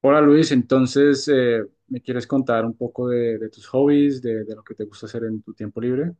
Hola Luis, entonces, ¿me quieres contar un poco de tus hobbies, de lo que te gusta hacer en tu tiempo libre?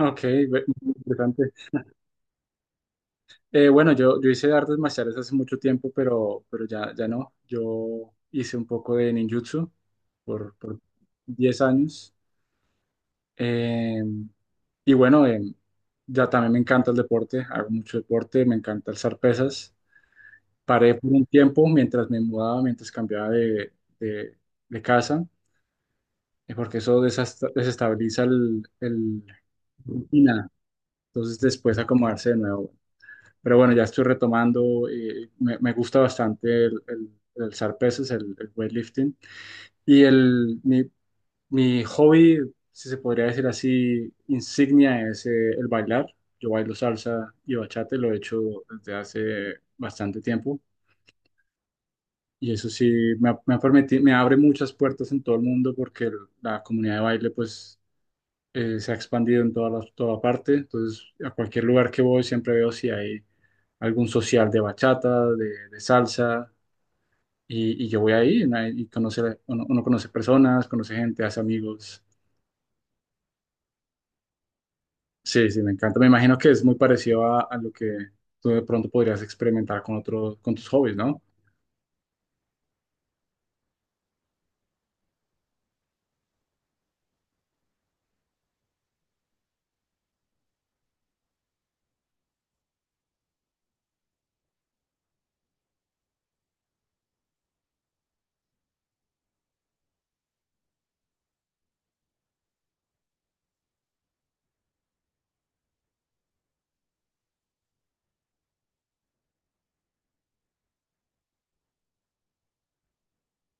Ok, interesante. Bueno, yo hice artes marciales hace mucho tiempo, pero ya no. Yo hice un poco de ninjutsu por 10 años. Eh, y bueno, ya también me encanta el deporte, hago mucho deporte, me encanta alzar pesas. Paré por un tiempo mientras me mudaba, mientras cambiaba de de casa. Porque eso desestabiliza el rutina, entonces después acomodarse de nuevo. Pero bueno, ya estoy retomando, me gusta bastante el alzar pesas, el weightlifting. Y mi hobby, si se podría decir así, insignia es el bailar. Yo bailo salsa y bachata, y lo he hecho desde hace bastante tiempo. Y eso sí, me abre muchas puertas en todo el mundo porque la comunidad de baile, pues se ha expandido en toda, las toda parte, entonces a cualquier lugar que voy siempre veo si hay algún social de bachata, de salsa, y yo voy ahí, ¿no? Y uno conoce personas, conoce gente, hace amigos. Sí, sí, me encanta. Me imagino que es muy parecido a lo que tú de pronto podrías experimentar con otro, con tus hobbies, ¿no?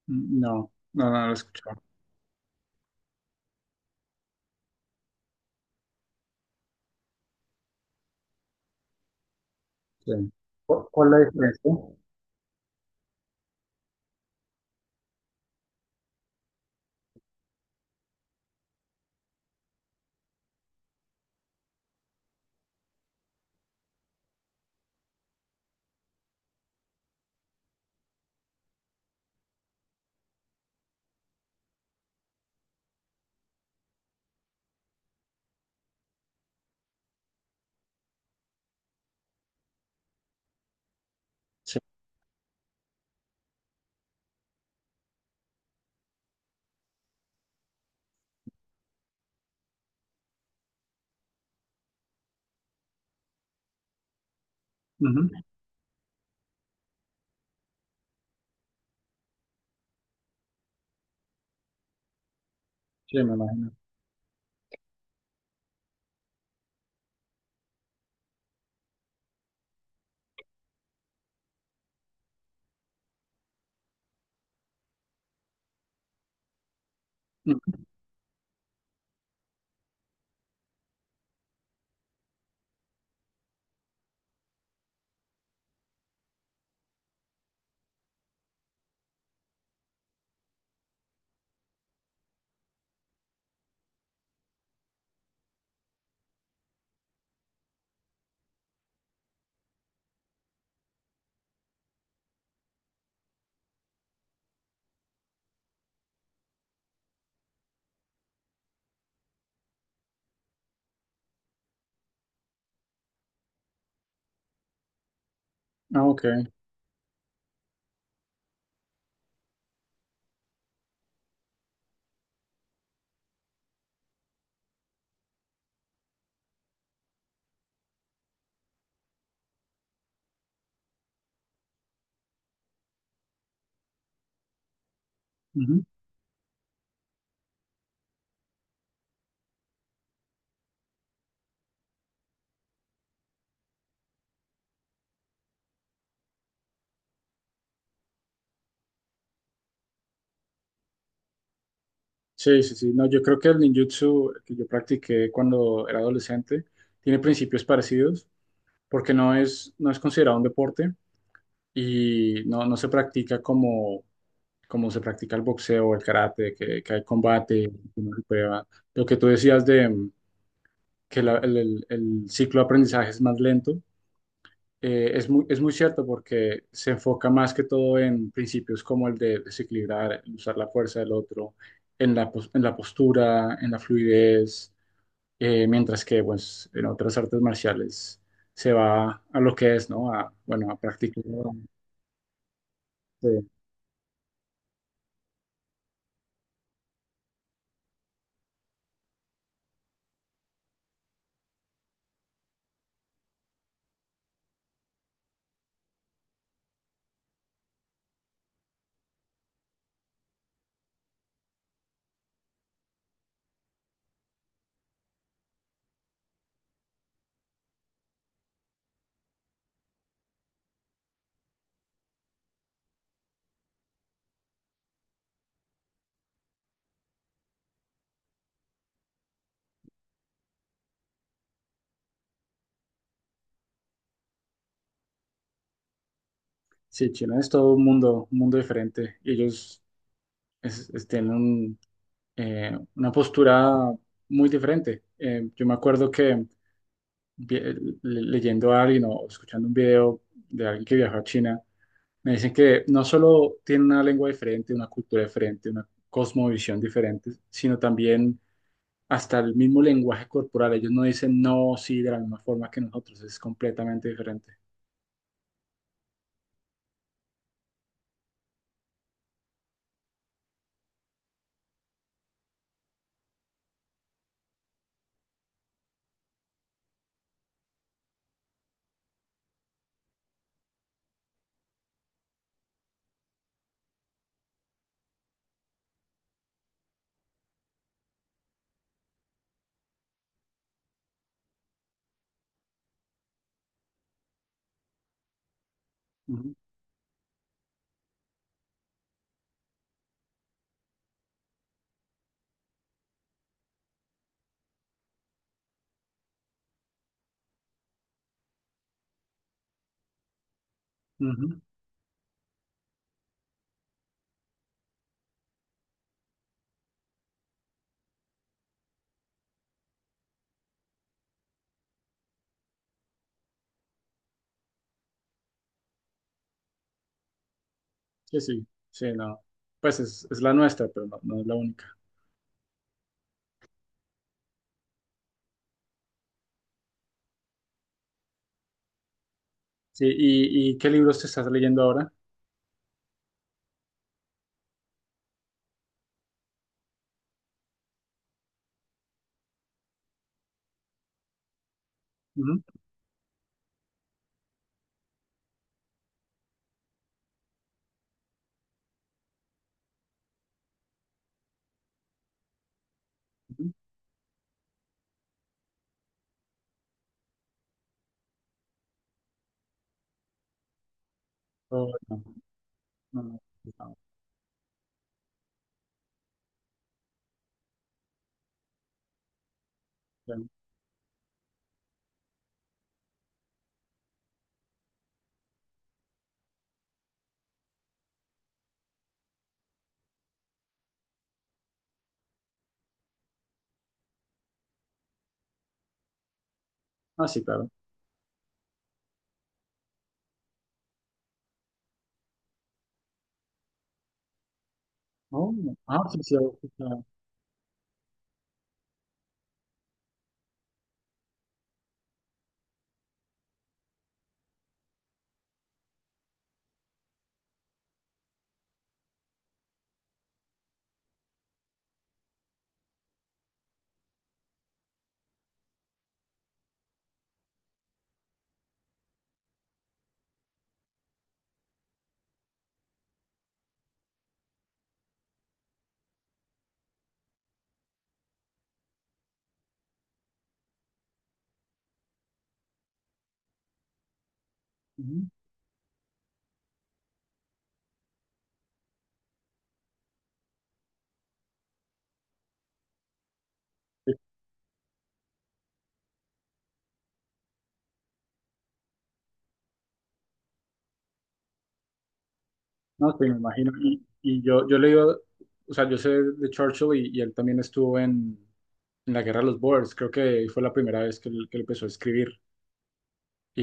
No, no, no lo he escuchado. Sí. Cuál es la diferencia? Sí, ujú, sí, me imagino. Ujú. Ah, ok. Ujú. Sí, sí, sí. No, yo creo que el ninjutsu que yo practiqué cuando era adolescente tiene principios parecidos porque no es considerado un deporte y no se practica como, se practica el boxeo o el karate, que hay combate, que uno se prueba. Lo que tú decías de que el ciclo de aprendizaje es más lento, es muy cierto porque se enfoca más que todo en principios como el de desequilibrar, usar la fuerza del otro, en la postura, en la fluidez, mientras que pues, en otras artes marciales se va a lo que es, ¿no? A, bueno, a practicar. Sí, sí, China es todo un mundo diferente. Y ellos tienen una postura muy diferente. Yo me acuerdo que vi- eh, leyendo a alguien o escuchando un video de alguien que viajó a China, me dicen que no solo tiene una lengua diferente, una cultura diferente, una cosmovisión diferente, sino también hasta el mismo lenguaje corporal. Ellos no dicen no, sí, de la misma forma que nosotros, es completamente diferente. Ujú, ujú. Sí, sí, sí, no. Pues es la nuestra, pero no es la única. Sí, ¿y qué libros te estás leyendo ahora? Ujú, ujú. Oh, no, no, no, no, no. Ah, sí, claro. Oh, no. Ah, sí, sí, sí, claro. Ujú. Sí. No, sí, me imagino. Y yo leí, o sea, yo sé de Churchill y él también estuvo en la Guerra de los Boers. Creo que fue la primera vez que él empezó a escribir. Y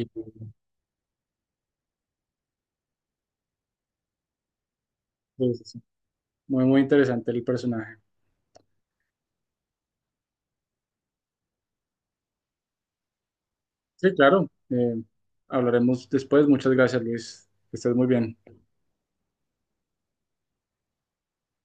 pues, sí, muy, muy interesante el personaje. Sí, claro. Hablaremos después. Muchas gracias, Luis. Que estés muy bien.